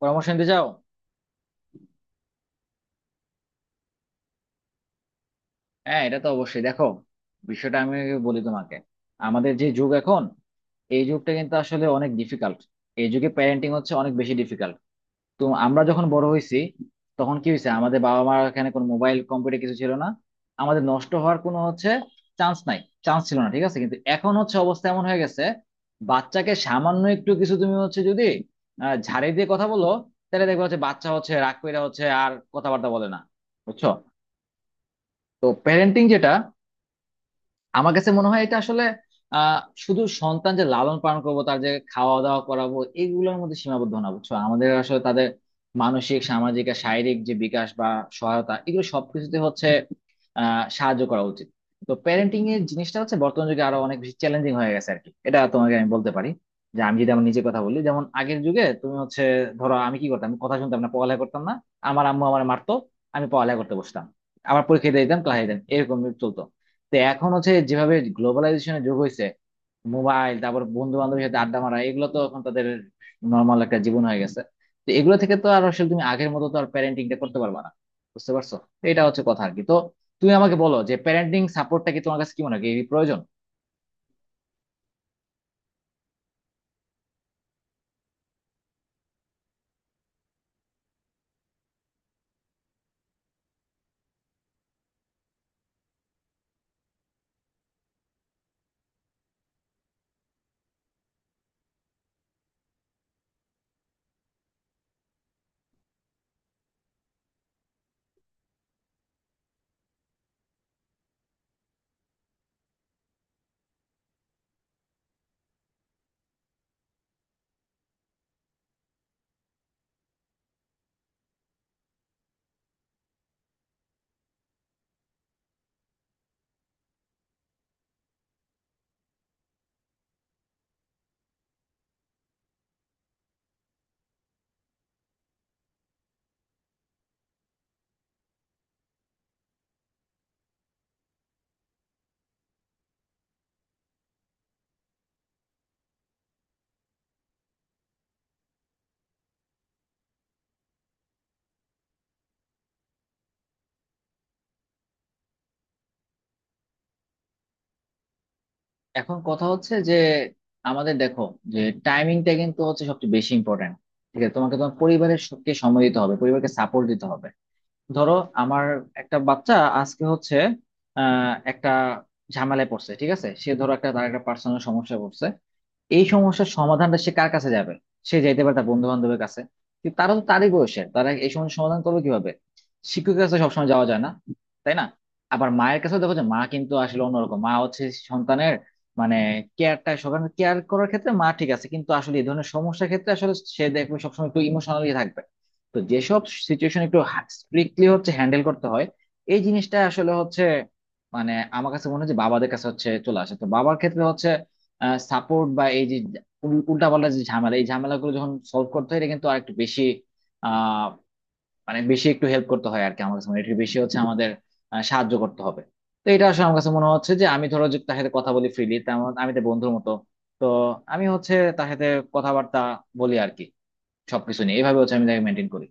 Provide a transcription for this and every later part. পরামর্শ নিতে চাও? হ্যাঁ, এটা তো অবশ্যই। দেখো, বিষয়টা আমি বলি তোমাকে। আমাদের যে যুগ এখন, এই যুগটা কিন্তু আসলে অনেক ডিফিকাল্ট। এই যুগে প্যারেন্টিং হচ্ছে অনেক বেশি ডিফিকাল্ট। তো আমরা যখন বড় হয়েছি, তখন কি হয়েছে, আমাদের বাবা মার এখানে কোনো মোবাইল কম্পিউটার কিছু ছিল না। আমাদের নষ্ট হওয়ার কোনো হচ্ছে চান্স নাই, চান্স ছিল না। ঠিক আছে, কিন্তু এখন হচ্ছে অবস্থা এমন হয়ে গেছে, বাচ্চাকে সামান্য একটু কিছু তুমি হচ্ছে যদি ঝাড়ি দিয়ে কথা বলো, তাহলে দেখবে হচ্ছে বাচ্চা হচ্ছে রাগ কইরা হচ্ছে আর কথাবার্তা বলে না, বুঝছো? তো প্যারেন্টিং যেটা, আমার কাছে মনে হয় এটা আসলে আহ শুধু সন্তান যে লালন পালন করবো, তার যে খাওয়া দাওয়া করাবো, এগুলোর মধ্যে সীমাবদ্ধ না, বুঝছো? আমাদের আসলে তাদের মানসিক, সামাজিক আর শারীরিক যে বিকাশ বা সহায়তা, এগুলো সবকিছুতে হচ্ছে সাহায্য করা উচিত। তো প্যারেন্টিং এর জিনিসটা হচ্ছে বর্তমান যুগে আরো অনেক বেশি চ্যালেঞ্জিং হয়ে গেছে আর কি, এটা তোমাকে আমি বলতে পারি। যে আমি যদি আমার নিজের কথা বলি, যেমন আগের যুগে তুমি হচ্ছে ধরো আমি কি করতাম, আমি কথা শুনতাম না, পড়ালেখা করতাম না, আমার আম্মু আমার মারতো, আমি পড়ালেখা করতে বসতাম, আবার পরীক্ষা দিয়ে দিতাম ক্লাসে দিতাম, এরকম চলতো। তো এখন হচ্ছে যেভাবে গ্লোবালাইজেশনের যুগ হয়েছে, মোবাইল তারপর বন্ধু বান্ধবের সাথে আড্ডা মারা, এগুলো তো এখন তাদের নর্মাল একটা জীবন হয়ে গেছে। তো এগুলো থেকে তো আর আসলে তুমি আগের মতো তো আর প্যারেন্টিংটা করতে পারবা না। বুঝতে পারছো তো, এটা হচ্ছে কথা আর কি। তো তুমি আমাকে বলো যে প্যারেন্টিং সাপোর্টটা কি, তোমার কাছে কি মনে হয় এই প্রয়োজন? এখন কথা হচ্ছে যে আমাদের দেখো যে টাইমিংটা কিন্তু হচ্ছে সবচেয়ে বেশি ইম্পর্ট্যান্ট। ঠিক আছে, তোমাকে তোমার পরিবারের সবকে সময় দিতে হবে, পরিবারকে সাপোর্ট দিতে হবে। ধরো আমার একটা বাচ্চা আজকে হচ্ছে একটা ঝামেলায় পড়ছে। ঠিক আছে, সে ধরো একটা তার একটা পার্সোনাল সমস্যা পড়ছে। এই সমস্যার সমাধানটা সে কার কাছে যাবে? সে যাইতে পারে তার বন্ধু বান্ধবের কাছে, কিন্তু তারা তো তারই বয়সের, তারা এই সমস্যার সমাধান করবে কিভাবে? শিক্ষকের কাছে সবসময় যাওয়া যায় না, তাই না? আবার মায়ের কাছেও দেখো, যে মা কিন্তু আসলে অন্যরকম, মা হচ্ছে সন্তানের মানে কেয়ারটা, সকালে কেয়ার করার ক্ষেত্রে মা ঠিক আছে, কিন্তু আসলে এই ধরনের সমস্যার ক্ষেত্রে আসলে সে দেখবে সবসময় একটু ইমোশনালি থাকবে। তো যেসব সিচুয়েশন একটু স্ট্রিক্টলি হচ্ছে হ্যান্ডেল করতে হয়, এই জিনিসটা আসলে হচ্ছে মানে আমার কাছে মনে হয় যে বাবাদের কাছে হচ্ছে চলে আসে। তো বাবার ক্ষেত্রে হচ্ছে সাপোর্ট বা এই যে উল্টাপাল্টা যে ঝামেলা, এই ঝামেলাগুলো যখন সলভ করতে হয়, এটা কিন্তু আর একটু বেশি আহ মানে বেশি একটু হেল্প করতে হয় আর কি আমার কাছে মনে হয়। একটু বেশি হচ্ছে আমাদের সাহায্য করতে হবে। তো এটা আসলে আমার কাছে মনে হচ্ছে যে আমি ধরো যে তার সাথে কথা বলি ফ্রিলি, তেমন আমি তো বন্ধুর মতো। তো আমি হচ্ছে তার সাথে কথাবার্তা বলি আর কি, সবকিছু নিয়ে। এইভাবে হচ্ছে আমি তাকে মেনটেন করি।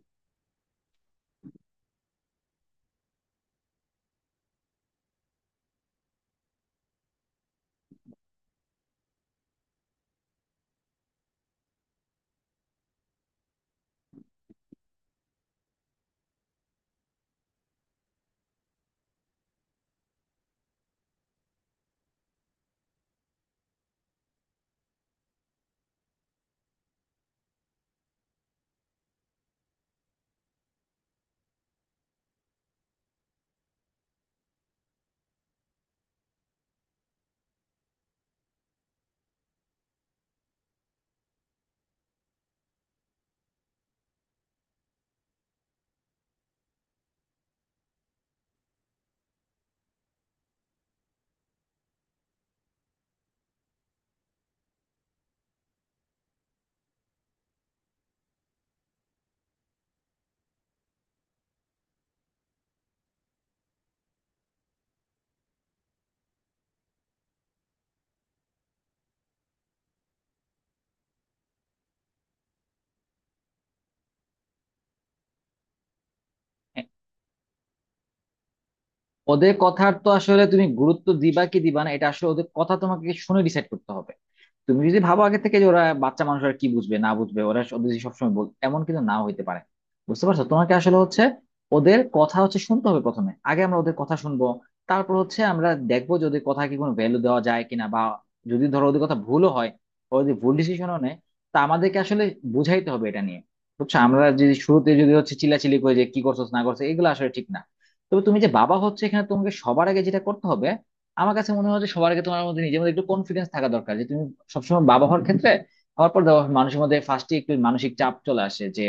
হ্যাঁ, ওদের কথার তো আসলে তুমি গুরুত্ব দিবা কি দিবা না, এটা আসলে ওদের কথা তোমাকে শুনে ডিসাইড করতে হবে। তুমি যদি ভাবো আগে থেকে যে ওরা বাচ্চা মানুষ আর কি বুঝবে না, বুঝবে ওরা যদি সবসময় বল, এমন কিন্তু নাও হইতে পারে। বুঝতে পারছো? তোমাকে আসলে হচ্ছে ওদের কথা হচ্ছে শুনতে হবে প্রথমে, আগে আমরা ওদের কথা শুনবো, তারপর হচ্ছে আমরা দেখবো যদি ওদের কথা কি কোনো ভ্যালু দেওয়া যায় কিনা। বা যদি ধরো ওদের কথা ভুলও হয়, ওরা যদি ভুল ডিসিশনও নেয়, তা আমাদেরকে আসলে বুঝাইতে হবে এটা নিয়ে, বুঝছো? আমরা যদি শুরুতে যদি হচ্ছে চিল্লাচিল্লি করে যে কি করছো না করছো, এগুলো আসলে ঠিক না। তবে তুমি যে বাবা হচ্ছে, এখানে তোমাকে সবার আগে যেটা করতে হবে, আমার কাছে মনে হয় যে সবার আগে তোমার মধ্যে নিজের মধ্যে একটু কনফিডেন্স থাকা দরকার, যে তুমি সবসময় বাবা হওয়ার ক্ষেত্রে, হওয়ার পর দেখো মানুষের মধ্যে ফার্স্টে একটু মানসিক চাপ চলে আসে যে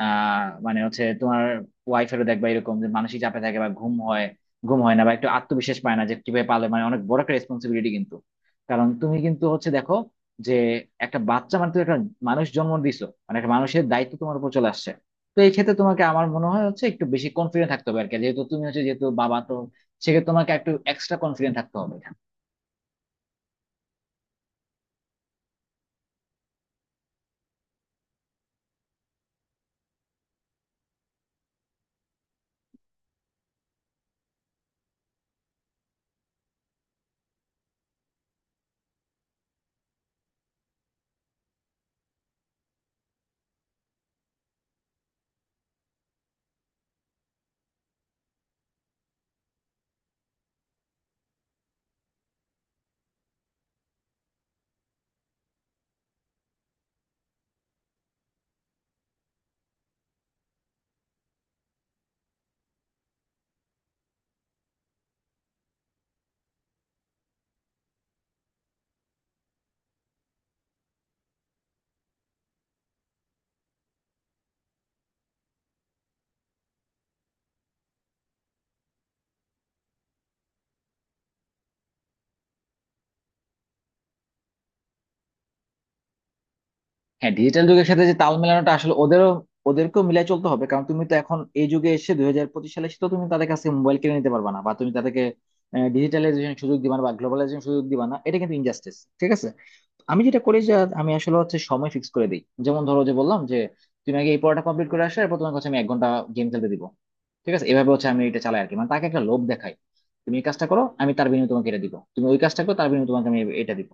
মানে হচ্ছে তোমার ওয়াইফেরও দেখবা এরকম যে মানসিক চাপে থাকে বা ঘুম হয়, ঘুম হয় না বা একটু আত্মবিশ্বাস পায় না যে কিভাবে পালে। মানে অনেক বড় একটা রেসপন্সিবিলিটি কিন্তু, কারণ তুমি কিন্তু হচ্ছে দেখো যে একটা বাচ্চা মানে তুমি একটা মানুষ জন্ম দিছো, মানে একটা মানুষের দায়িত্ব তোমার উপর চলে আসছে। তো এই ক্ষেত্রে তোমাকে আমার মনে হয় হচ্ছে একটু বেশি কনফিডেন্ট থাকতে হবে আর কি। যেহেতু তুমি হচ্ছে, যেহেতু বাবা তো, সেক্ষেত্রে তোমাকে একটু এক্সট্রা কনফিডেন্ট থাকতে হবে। হ্যাঁ, ডিজিটাল যুগের সাথে যে তাল মেলানোটা আসলে ওদেরও, ওদেরকেও মিলাই চলতে হবে। কারণ তুমি তো এখন এই যুগে এসে 2025 সালে এসে তো তুমি তাদের কাছে মোবাইল কিনে নিতে পারবা না, বা তুমি তাদেরকে ডিজিটালাইজেশন সুযোগ দিবা না বা গ্লোবালাইজেশন সুযোগ দিবা না, এটা কিন্তু ইনজাস্টিস। ঠিক আছে, আমি যেটা করি যে আমি আসলে হচ্ছে সময় ফিক্স করে দিই। যেমন ধরো যে বললাম যে তুমি আগে এই পড়াটা কমপ্লিট করে আসলে, এরপর তোমাকে হচ্ছে আমি এক ঘন্টা গেম খেলতে দিব। ঠিক আছে, এভাবে হচ্ছে আমি এটা চালাই আর কি। মানে তাকে একটা লোভ দেখাই, তুমি এই কাজটা করো আমি তার বিনিময়ে তোমাকে এটা দিব, তুমি ওই কাজটা করো তার বিনিময়ে তোমাকে আমি এটা দিব।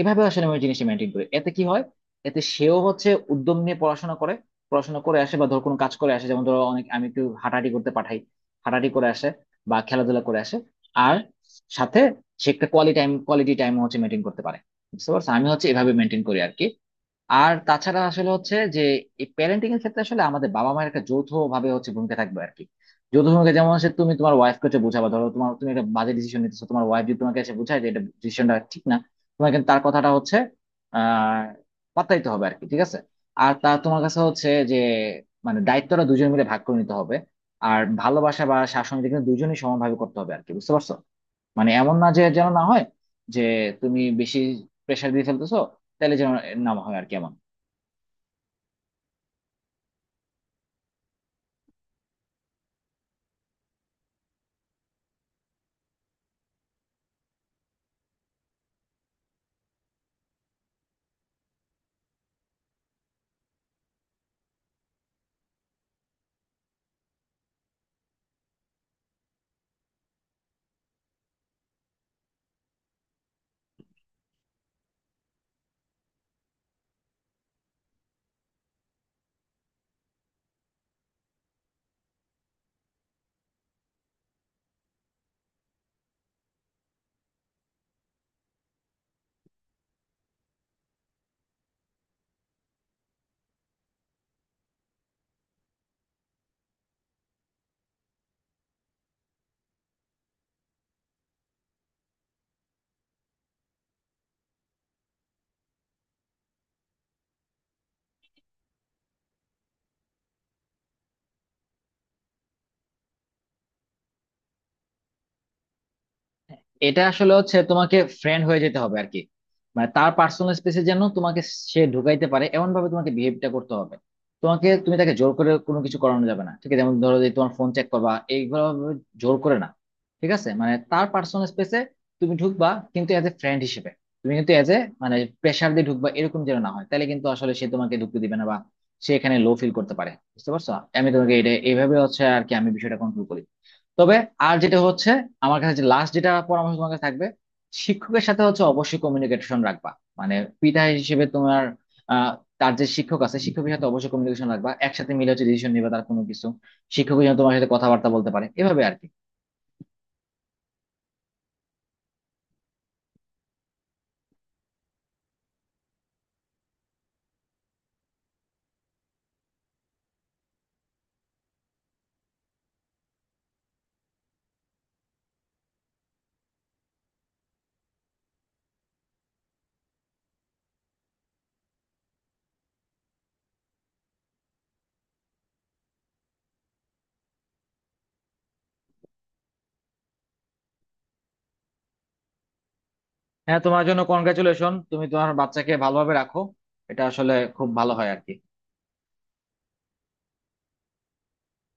এভাবে আসলে আমি জিনিসটা মেনটেন করি। এতে কি হয়, এতে সেও হচ্ছে উদ্যম নিয়ে পড়াশোনা করে, পড়াশোনা করে আসে, বা ধর কোনো কাজ করে আসে। যেমন ধরো অনেক আমি একটু হাঁটাহাঁটি করতে পাঠাই, হাঁটাহাঁটি করে আসে বা খেলাধুলা করে আসে। আর সাথে সে একটা কোয়ালিটি টাইম, কোয়ালিটি টাইম হচ্ছে মেনটেন করতে পারে। বুঝতে পারছো, আমি হচ্ছে এভাবে মেনটেন করি আর কি। আর তাছাড়া আসলে হচ্ছে যে এই প্যারেন্টিং এর ক্ষেত্রে আসলে আমাদের বাবা মায়ের একটা যৌথ ভাবে হচ্ছে ভূমিকা থাকবে আর কি। যৌথ ভূমিকা, যেমন হচ্ছে তুমি তোমার ওয়াইফ কে হচ্ছে বোঝাবা, ধরো তোমার তুমি একটা বাজে ডিসিশন নিতেছো, তোমার ওয়াইফ যদি তোমাকে এসে বোঝায় যে এটা ডিসিশনটা ঠিক না, তোমাকে কিন্তু তার কথাটা হচ্ছে আহ পাত্তা দিতে হবে আর কি। ঠিক আছে, আর তা তোমার কাছে হচ্ছে যে মানে দায়িত্বটা দুজন মিলে ভাগ করে নিতে হবে। আর ভালোবাসা বা শাসন এটা কিন্তু দুজনই সমানভাবে করতে হবে আর কি, বুঝতে পারছো? মানে এমন না যে, যেন না হয় যে তুমি বেশি প্রেশার দিয়ে ফেলতেছো, তাহলে যেন না হয় আর কি এমন। এটা আসলে হচ্ছে তোমাকে ফ্রেন্ড হয়ে যেতে হবে আর কি। মানে তার পার্সোনাল স্পেসে যেন তোমাকে সে ঢুকাইতে পারে এমন ভাবে তোমাকে বিহেভটা করতে হবে। তোমাকে, তুমি তাকে জোর করে কোনো কিছু করানো যাবে না। ঠিক আছে, যেমন ধরো যে তোমার ফোন চেক করবা এইগুলো জোর করে না। ঠিক আছে, মানে তার পার্সোনাল স্পেসে তুমি ঢুকবা, কিন্তু এজ এ ফ্রেন্ড হিসেবে। তুমি কিন্তু এজ এ মানে প্রেশার দিয়ে ঢুকবা এরকম যেন না হয়, তাহলে কিন্তু আসলে সে তোমাকে ঢুকতে দিবে না বা সে এখানে লো ফিল করতে পারে, বুঝতে পারছো? আমি তোমাকে এটা এইভাবে হচ্ছে আর কি, আমি বিষয়টা কন্ট্রোল করি। তবে আর যেটা হচ্ছে, আমার কাছে যে লাস্ট যেটা পরামর্শ তোমার কাছে থাকবে, শিক্ষকের সাথে হচ্ছে অবশ্যই কমিউনিকেশন রাখবা। মানে পিতা হিসেবে তোমার আহ, তার যে শিক্ষক আছে, শিক্ষকের সাথে অবশ্যই কমিউনিকেশন রাখবা, একসাথে মিলে হচ্ছে ডিসিশন নিবে তার কোনো কিছু। শিক্ষক যেন তোমার সাথে কথাবার্তা বলতে পারে এভাবে আর কি। হ্যাঁ, তোমার জন্য কনগ্রাচুলেশন, তুমি তোমার বাচ্চাকে ভালোভাবে রাখো, এটা আসলে খুব ভালো হয় আর কি।